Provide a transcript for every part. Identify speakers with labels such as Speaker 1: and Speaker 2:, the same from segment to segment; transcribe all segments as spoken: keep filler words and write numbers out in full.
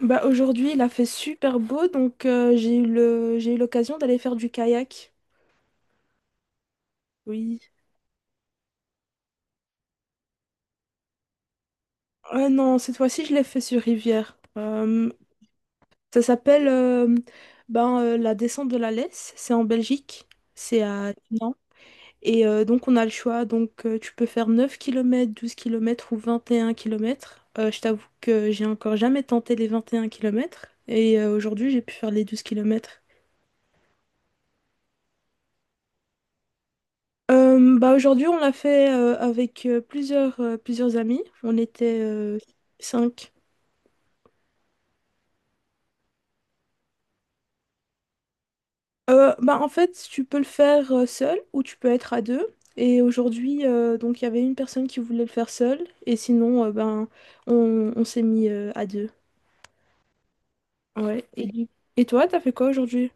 Speaker 1: Bah aujourd'hui, il a fait super beau, donc euh, j'ai eu le... j'ai eu l'occasion d'aller faire du kayak. Oui. Ah non, cette fois-ci, je l'ai fait sur rivière. Euh, ça s'appelle euh, ben, euh, la descente de la Lesse. C'est en Belgique. C'est à Dinan. Et euh, donc, on a le choix. Donc, euh, tu peux faire neuf kilomètres, douze kilomètres ou vingt et un kilomètres. Je t'avoue que j'ai encore jamais tenté les vingt et un kilomètres. Et euh, aujourd'hui, j'ai pu faire les douze kilomètres. Euh, bah aujourd'hui, on l'a fait euh, avec euh, plusieurs, euh, plusieurs amis. On était euh, cinq. Euh, bah en fait, tu peux le faire euh, seul ou tu peux être à deux. Et aujourd'hui, euh, donc il y avait une personne qui voulait le faire seule. Et sinon, euh, ben, on, on s'est mis euh, à deux. Ouais. Et, du- et toi, t'as fait quoi aujourd'hui?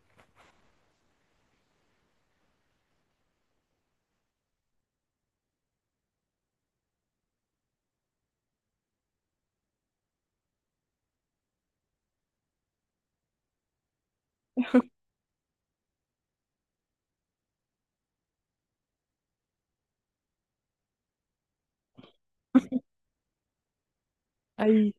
Speaker 1: Ah oui.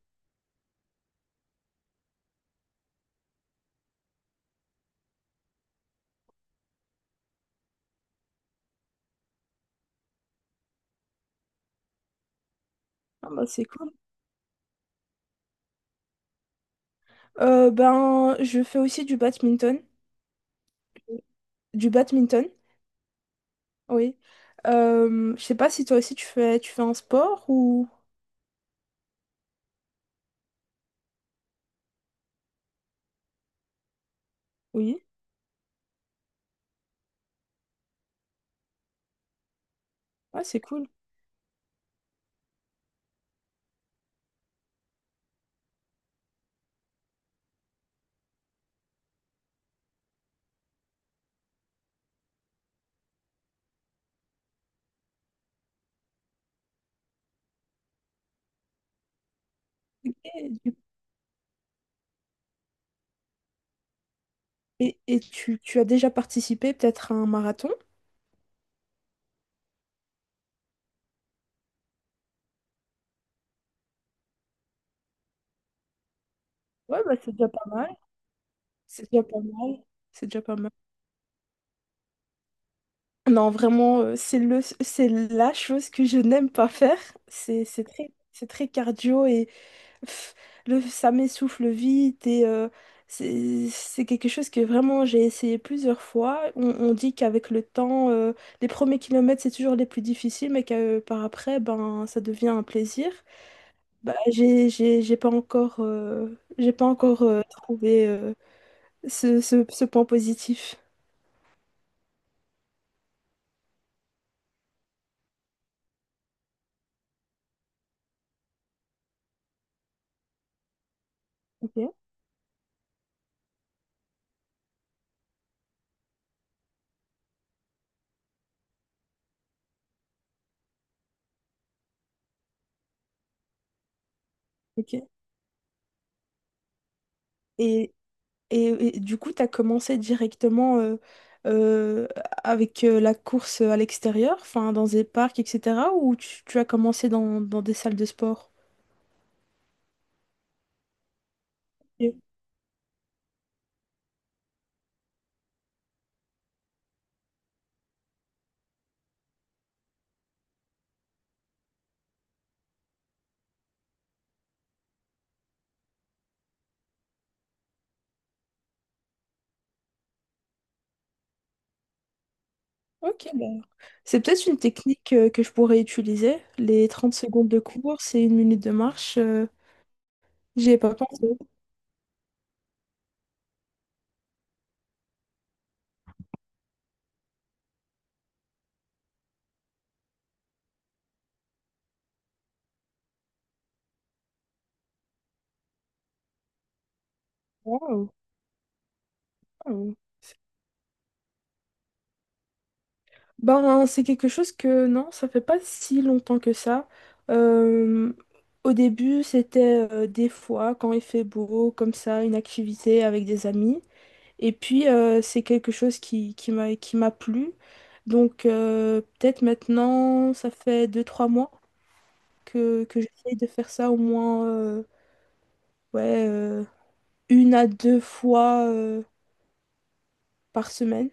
Speaker 1: Ah bah c'est cool. Euh, ben, je fais aussi du badminton. Du badminton, oui. Euh, je sais pas si toi aussi tu fais, tu fais un sport ou... Oui. Ouais, c'est cool. Et, du- et- et tu, tu as déjà participé peut-être à un marathon? Ouais, bah c'est déjà pas mal. C'est déjà pas mal. C'est déjà pas mal. Non, vraiment, euh, c'est le, c'est la chose que je n'aime pas faire. C'est, c'est très, c'est très cardio et pff, le, ça m'essouffle vite. Et euh, c'est, c'est quelque chose que vraiment j'ai essayé plusieurs fois. On, on dit qu'avec le temps, euh, les premiers kilomètres, c'est toujours les plus difficiles, mais que, euh, par après, ben, ça devient un plaisir. Bah, j'ai, j'ai, j'ai pas encore, euh, j'ai pas encore euh, trouvé euh, ce, ce, ce point positif. Ok, ok. Et, et, et du coup, tu as commencé directement euh, euh, avec euh, la course à l'extérieur, enfin dans des parcs, et cetera. Ou tu, tu as commencé dans, dans des salles de sport? Ok, ok, bah, c'est peut-être une technique euh, que je pourrais utiliser. Les trente secondes de course et une minute de marche, euh, j'y ai pas pensé. Wow, wow. Ben, c'est quelque chose que non, ça fait pas si longtemps que ça. Euh, Au début, c'était euh, des fois quand il fait beau, comme ça, une activité avec des amis. Et puis, euh, c'est quelque chose qui, qui m'a, qui m'a plu. Donc, euh, peut-être maintenant, ça fait deux trois mois que, que j'essaye de faire ça au moins euh, ouais, euh, une à deux fois euh, par semaine.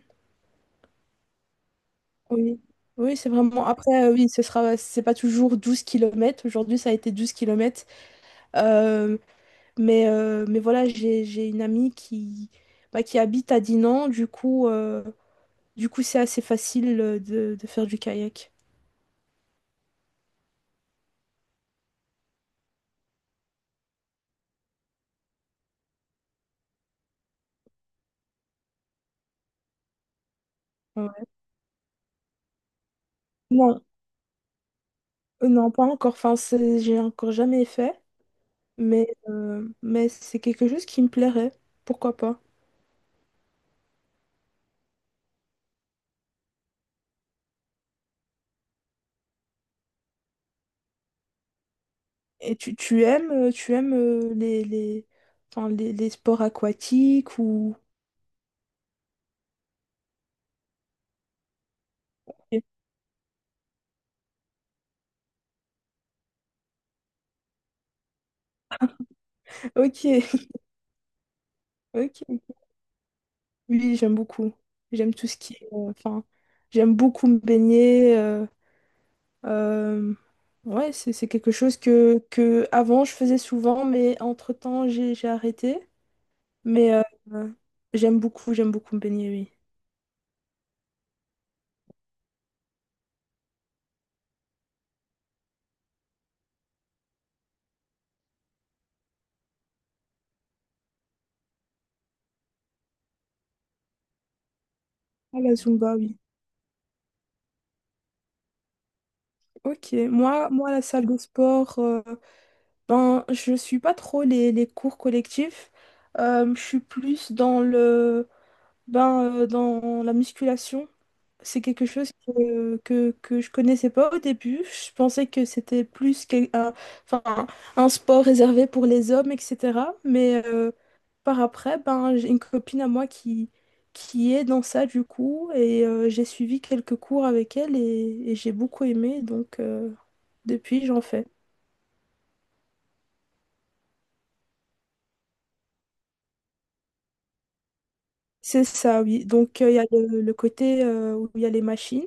Speaker 1: Oui, oui, c'est vraiment. Après, euh, oui, ce sera, c'est pas toujours douze kilomètres. Aujourd'hui, ça a été douze kilomètres. mais, euh, mais voilà, j'ai, j'ai une amie qui, bah, qui habite à Dinan. Du coup, euh, du coup, c'est assez facile euh, de, de faire du kayak. Ouais. Non, euh, non, pas encore. Enfin, c'est- j'ai encore jamais fait. Mais, euh, mais c'est quelque chose qui me plairait. Pourquoi pas? Et tu, tu aimes, euh, tu aimes euh, les, les, enfin, les, les sports aquatiques ou... Ok. Ok. Oui, j'aime beaucoup. J'aime tout ce qui est, euh, Enfin, j'aime beaucoup me baigner. euh, euh, ouais, c'est c'est quelque chose que, que avant je faisais souvent, mais entre-temps, j'ai j'ai arrêté. Mais euh, euh, j'aime beaucoup, j'aime beaucoup me baigner, oui. Ah, la Zumba, oui. Ok, moi, moi la salle de sport, euh, ben, je suis pas trop les, les cours collectifs. Euh, je suis plus dans le, ben, euh, dans la musculation. C'est quelque chose que, que, que je connaissais pas au début. Je pensais que c'était plus qu'un, un- enfin, un un sport réservé pour les hommes, et cetera. Mais euh, par après, ben, j'ai une copine à moi qui, qui est dans ça du coup. Et euh, j'ai suivi quelques cours avec elle et, et j'ai beaucoup aimé. Donc euh, depuis, j'en fais. C'est ça, oui. Donc euh, il y a le, le côté euh, où il y a les machines.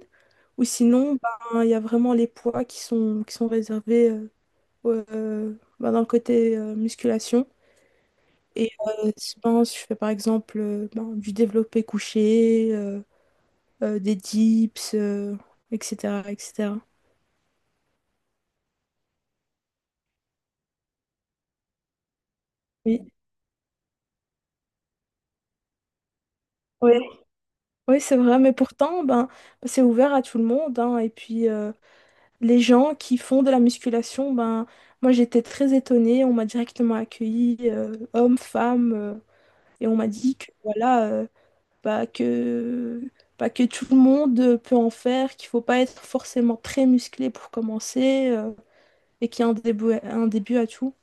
Speaker 1: Ou sinon, ben, il y a vraiment les poids qui sont, qui sont réservés. Euh, euh, ben, dans le côté euh, musculation. Et euh, Sinon, si je fais par exemple euh, ben, du développé couché, euh, euh, des dips, euh, et cetera, et cetera. Oui, ouais. Oui, c'est vrai, mais pourtant, ben, c'est ouvert à tout le monde, hein. Et puis, euh, les gens qui font de la musculation, ben, moi, j'étais très étonnée. On m'a directement accueillie, euh, hommes, femmes, euh, et on m'a dit que voilà, euh, pas que, pas que tout le monde peut en faire, qu'il faut pas être forcément très musclé pour commencer euh, et qu'il y a un début, un début à tout.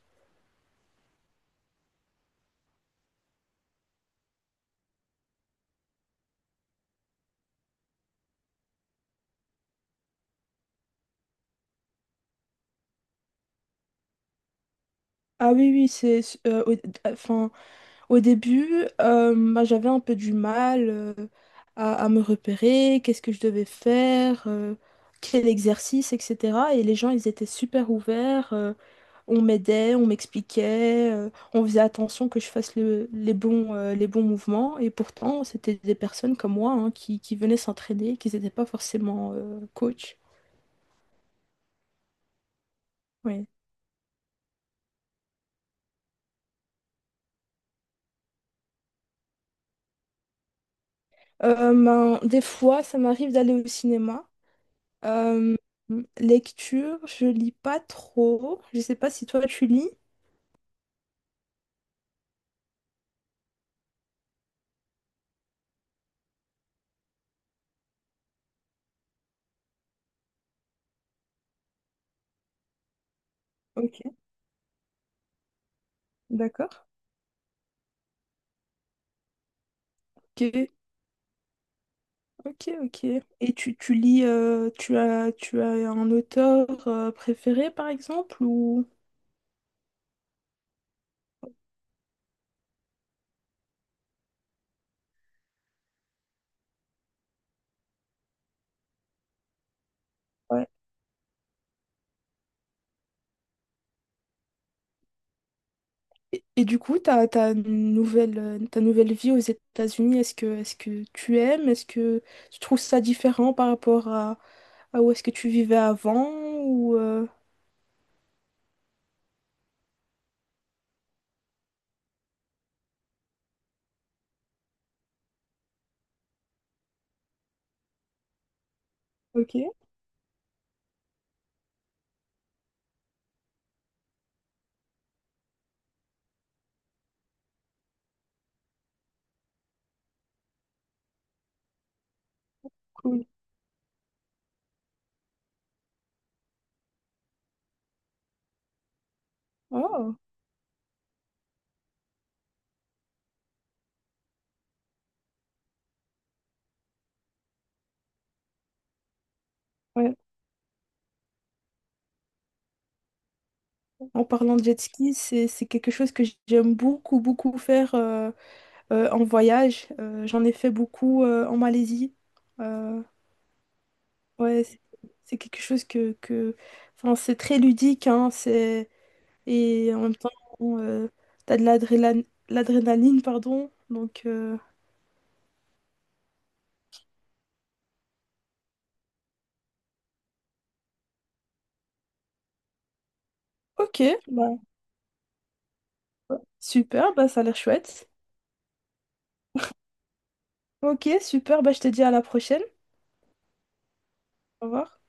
Speaker 1: Ah oui, oui, c'est, euh, au, enfin, au début, euh, bah, j'avais un peu du mal euh, à, à me repérer, qu'est-ce que je devais faire, euh, quel exercice, et cetera. Et les gens, ils étaient super ouverts. euh, On m'aidait, on m'expliquait, euh, on faisait attention que je fasse le- les bons, euh, les bons mouvements. Et pourtant, c'était des personnes comme moi, hein, qui, qui venaient s'entraîner, qui n'étaient pas forcément euh, coach. Oui. Euh, ben, des fois, ça m'arrive d'aller au cinéma. Euh, Lecture, je lis pas trop. Je sais pas si toi, tu lis. Ok, d'accord. Ok, ok, ok. Et tu, tu lis, euh, tu as, tu as un auteur euh, préféré, par exemple, ou... Et, et du coup, ta, ta nouvelle, euh, ta nouvelle vie aux États-Unis, est-ce que, est-ce que tu aimes? Est-ce que tu trouves ça différent par rapport à, à où est-ce que tu vivais avant ou euh, Ok, cool. Oh, ouais. En parlant de jet ski, c'est, c'est quelque chose que j'aime beaucoup, beaucoup faire euh, euh, en voyage. Euh, j'en ai fait beaucoup euh, en Malaisie. Euh, ouais, c'est c'est quelque chose que, que... Enfin, c'est très ludique, hein, c'est... Et en même temps, bon, euh, t'as de l'adrénaline, l'adrénaline, pardon. Donc, euh, ok, bah, super, bah, ça a l'air chouette. Ok, super, bah, je te dis à la prochaine. Au revoir.